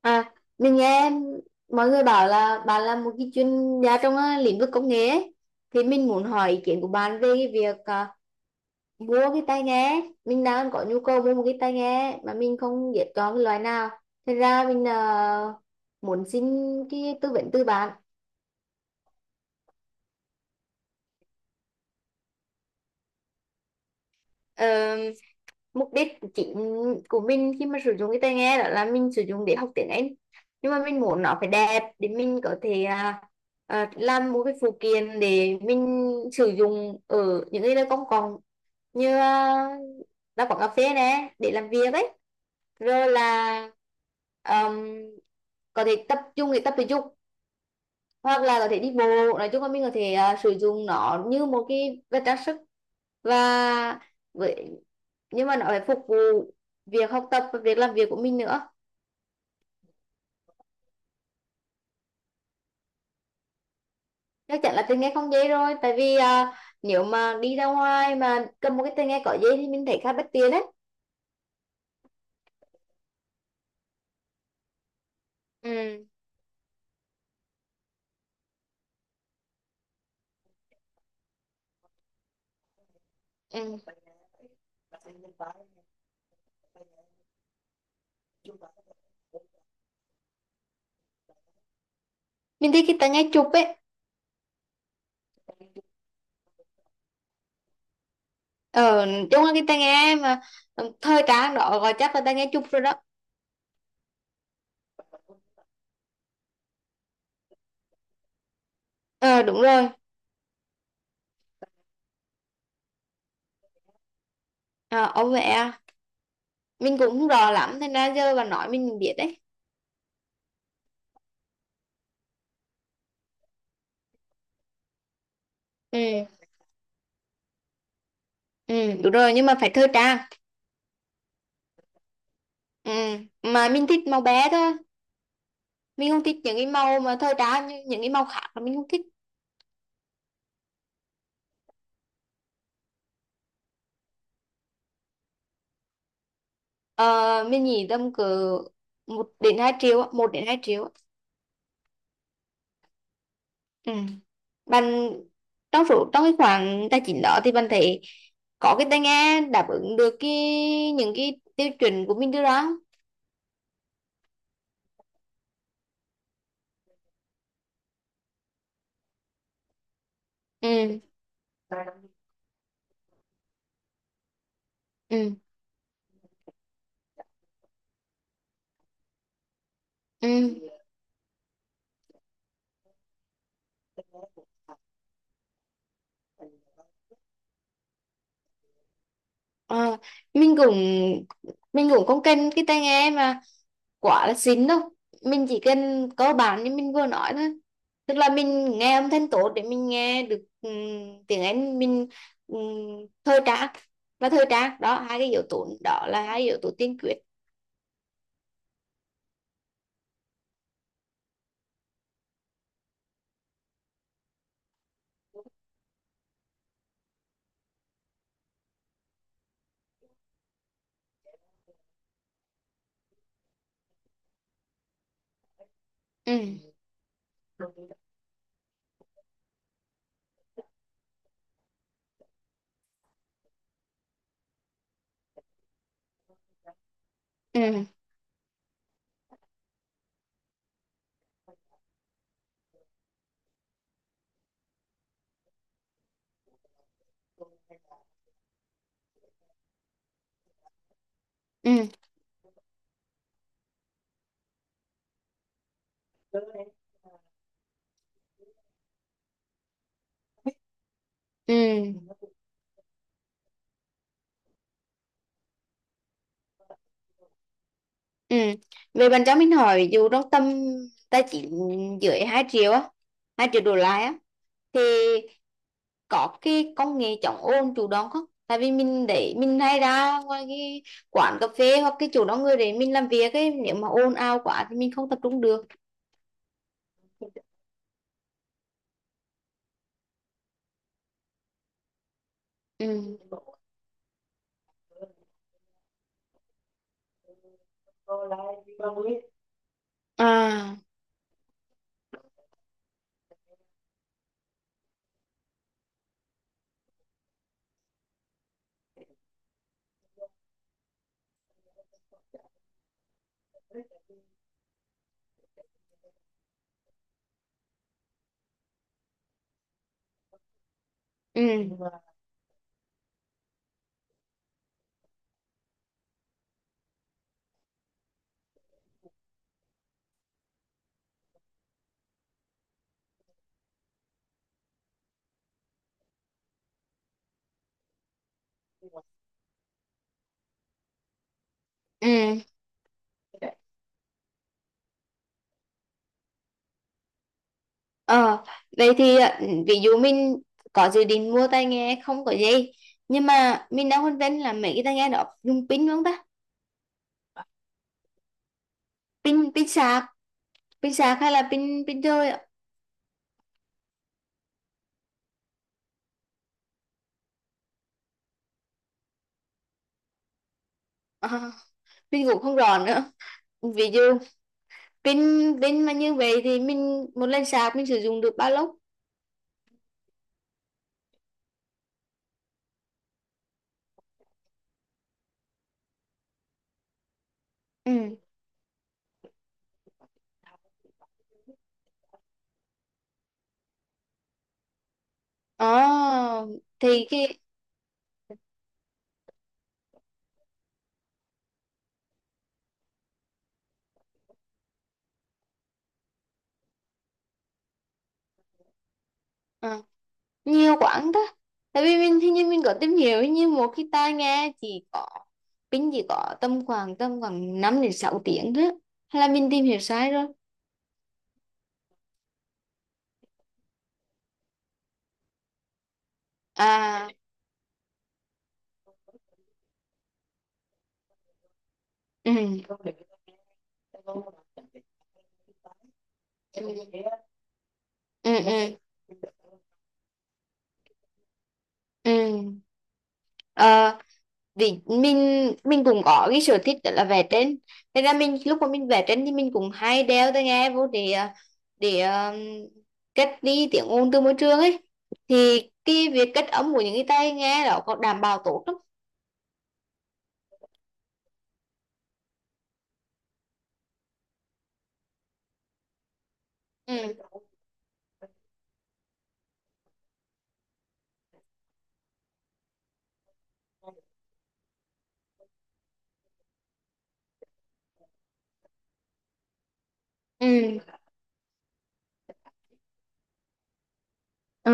À, mình nghe mọi người bảo là bạn là một cái chuyên gia trong lĩnh vực công nghệ ấy. Thì mình muốn hỏi ý kiến của bạn về cái việc mua cái tai nghe. Mình đang có nhu cầu mua một cái tai nghe mà mình không biết chọn cái loại nào. Thế ra mình muốn xin cái tư vấn từ bạn. Mục đích chính của mình khi mà sử dụng cái tai nghe đó là mình sử dụng để học tiếng Anh, nhưng mà mình muốn nó phải đẹp để mình có thể làm một cái phụ kiện để mình sử dụng ở những cái nơi công cộng như là quán cà phê nè để làm việc ấy, rồi là um, có thể tập trung để tập thể dục hoặc là có thể đi bộ. Nói chung là mình có thể sử dụng nó như một cái vật trang sức, và với nhưng mà nó phải phục vụ việc học tập và việc làm việc của mình nữa. Chắc chắn là tai nghe không dễ rồi, tại vì nếu mà đi ra ngoài mà cầm một cái tai nghe có dây thì mình thấy khá bất tiện đấy. Ừ. Ừ. Mình thích cái tai nghe chụp ấy. ờ Chung là cái tai nghe mà thời trang đó, gọi chắc là tai nghe chụp rồi đó. Ờ, đúng rồi. Ờ ông mẹ, mình cũng không rõ lắm nên ra giờ bà nói mình biết đấy. Ừ. Ừ, đúng rồi, nhưng mà phải thời trang. Ừ. Mà mình thích màu bé thôi, mình không thích những cái màu mà thời trang như những cái màu khác là mình không thích. ờ, mình nghĩ tầm cỡ 1 đến 2 triệu á, 1 đến 2 triệu á. Ừ. Bạn, trong cái khoảng tài chính đó thì bạn thấy có cái tai nghe đáp ứng được những cái tiêu chuẩn của mình đưa ra không? Ừ. Ừ. Ừ. Ờ, mình cũng mình cũng không cần cái tai nghe mà quá là xịn đâu, mình chỉ cần cơ bản như mình vừa nói thôi. Tức là mình nghe âm thanh tốt để mình nghe được tiếng Anh, mình um, thời trang, và thời trang đó, hai cái yếu tố đó là hai yếu tố tiên quyết. Ừ. Ừ. Ừ. Ừ. Ừ. Về bạn cho mình hỏi, ví dụ trong tầm tài chính dưới 2 triệu á, 2 triệu đổ lại á, thì có cái công nghệ chống ồn chủ động không? Tại vì mình để mình hay ra ngoài cái quán cà phê hoặc cái chỗ đông người để mình làm việc ấy, nếu mà ồn ào quá thì mình không tập trung được. Ừ. À. Ừ. Ừ. Ờ, vậy thì ví dụ mình có dự định mua tai nghe không có dây, nhưng mà mình đang phân vân là mấy cái tai nghe đó dùng pin không ta. Pin pin sạc. Pin sạc hay là pin pin chơi ạ? À, mình cũng không rõ nữa. Ví dụ pin pin mà như vậy thì mình một lần sạc mình sử dụng được bao lâu? Ừ. ờ thì cái ờ, nhiều quãng đó. Tại vì mình hình như mình có tìm hiểu, hình như một cái tai nghe chỉ có pin, chỉ có tầm khoảng 5 đến 6 tiếng đó, hay là mình tìm hiểu sai rồi? À. Ừ. Ừ. Ừ. Ừ. Ừ. Ờ, vì mình cũng có cái sở thích đó là vẽ tranh. Thế ra mình lúc mà mình vẽ tranh thì mình cũng hay đeo tai nghe vô để để cách đi tiếng ồn từ môi trường ấy, thì cái việc cách âm của những cái tai nghe đó có đảm bảo tốt lắm? Ừ. Ừ. Ờ.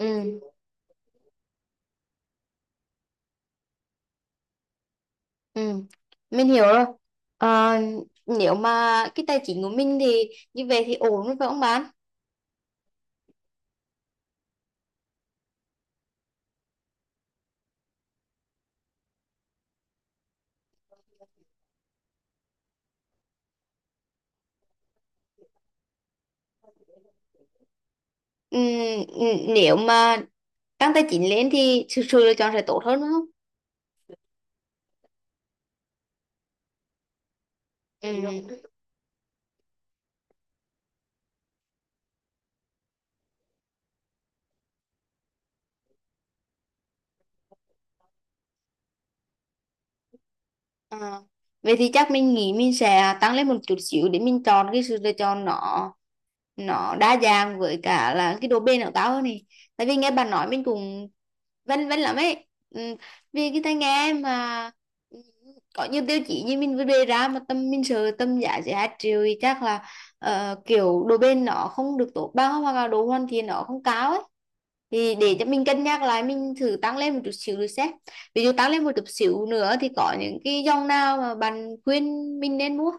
Ừ. Ừ, mình hiểu rồi. Ờ, nếu mà cái tài chính của mình thì như vậy thì ổn rồi phải không bạn? Ừ. Ừ, nếu mà tăng tài chính lên thì sự lựa chọn sẽ tốt hơn đúng không? Ừ. À, vậy thì chắc mình nghĩ mình sẽ tăng lên một chút xíu để mình chọn cái sự lựa chọn, nó đa dạng với cả là cái độ bền của tao hơn này. Tại vì nghe bà nói mình cũng vân vân lắm ấy. Ừ, vì cái tai nghe mà ừ, có nhiều tiêu chí như mình vừa đề ra mà tâm mình sợ tâm giá chỉ 2 triệu thì chắc là kiểu độ bền nó không được tốt bằng hoặc là độ hoàn thiện nó không cao ấy. Thì để cho mình cân nhắc lại, mình thử tăng lên một chút xíu rồi xem. Ví dụ tăng lên một chút xíu nữa thì có những cái dòng nào mà bạn khuyên mình nên mua?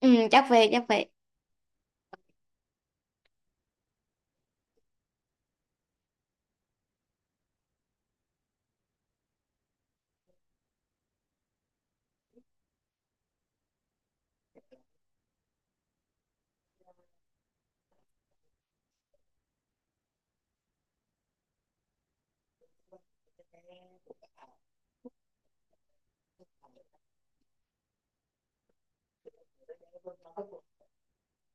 Ừ, chắc vậy chắc vậy.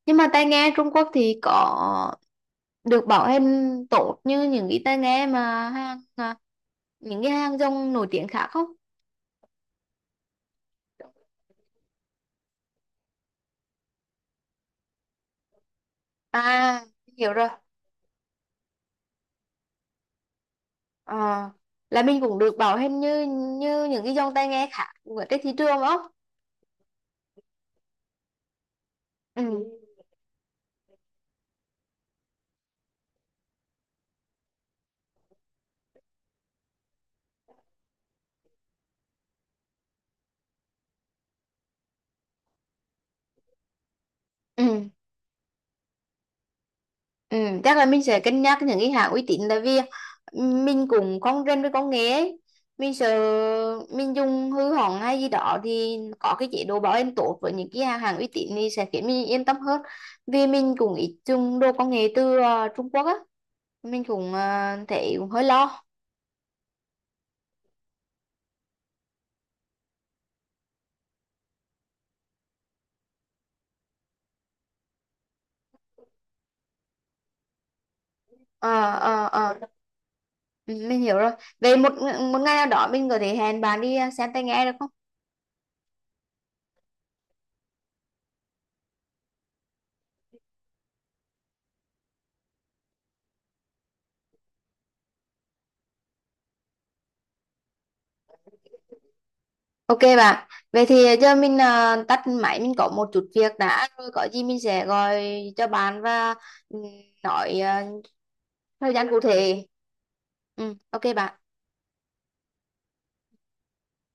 Nhưng mà tai nghe Trung Quốc thì có được bảo hành tốt như những cái tai nghe mà hàng những cái hàng dòng nổi tiếng khác không? À, hiểu rồi. Ờ, là mình cũng được bảo hành như như những cái dòng tai nghe khác ở trên thị trường đúng không? Ừ. Ừ. Ừ, chắc là mình sẽ cân nhắc những cái hãng uy tín, tại vì ừ, mình cũng không rành với công nghệ ấy. Mình sợ mình dùng hư hỏng hay gì đó, thì có cái chế độ bảo hành tốt với những cái hàng hàng uy tín thì sẽ khiến mình yên tâm hơn. Vì mình cũng ít dùng đồ công nghệ từ Trung Quốc á, mình cũng thấy cũng hơi lo. Ờ. Ờ. Ờ. Ừ, mình hiểu rồi. Về một một ngày nào đó mình có thể hẹn bạn đi xem tai nghe được không? Ok bạn, vậy thì giờ mình tắt máy, mình có một chút việc đã, rồi có gì mình sẽ gọi cho bạn và ừ, nói thời gian cụ thể. Ừ, ok bạn.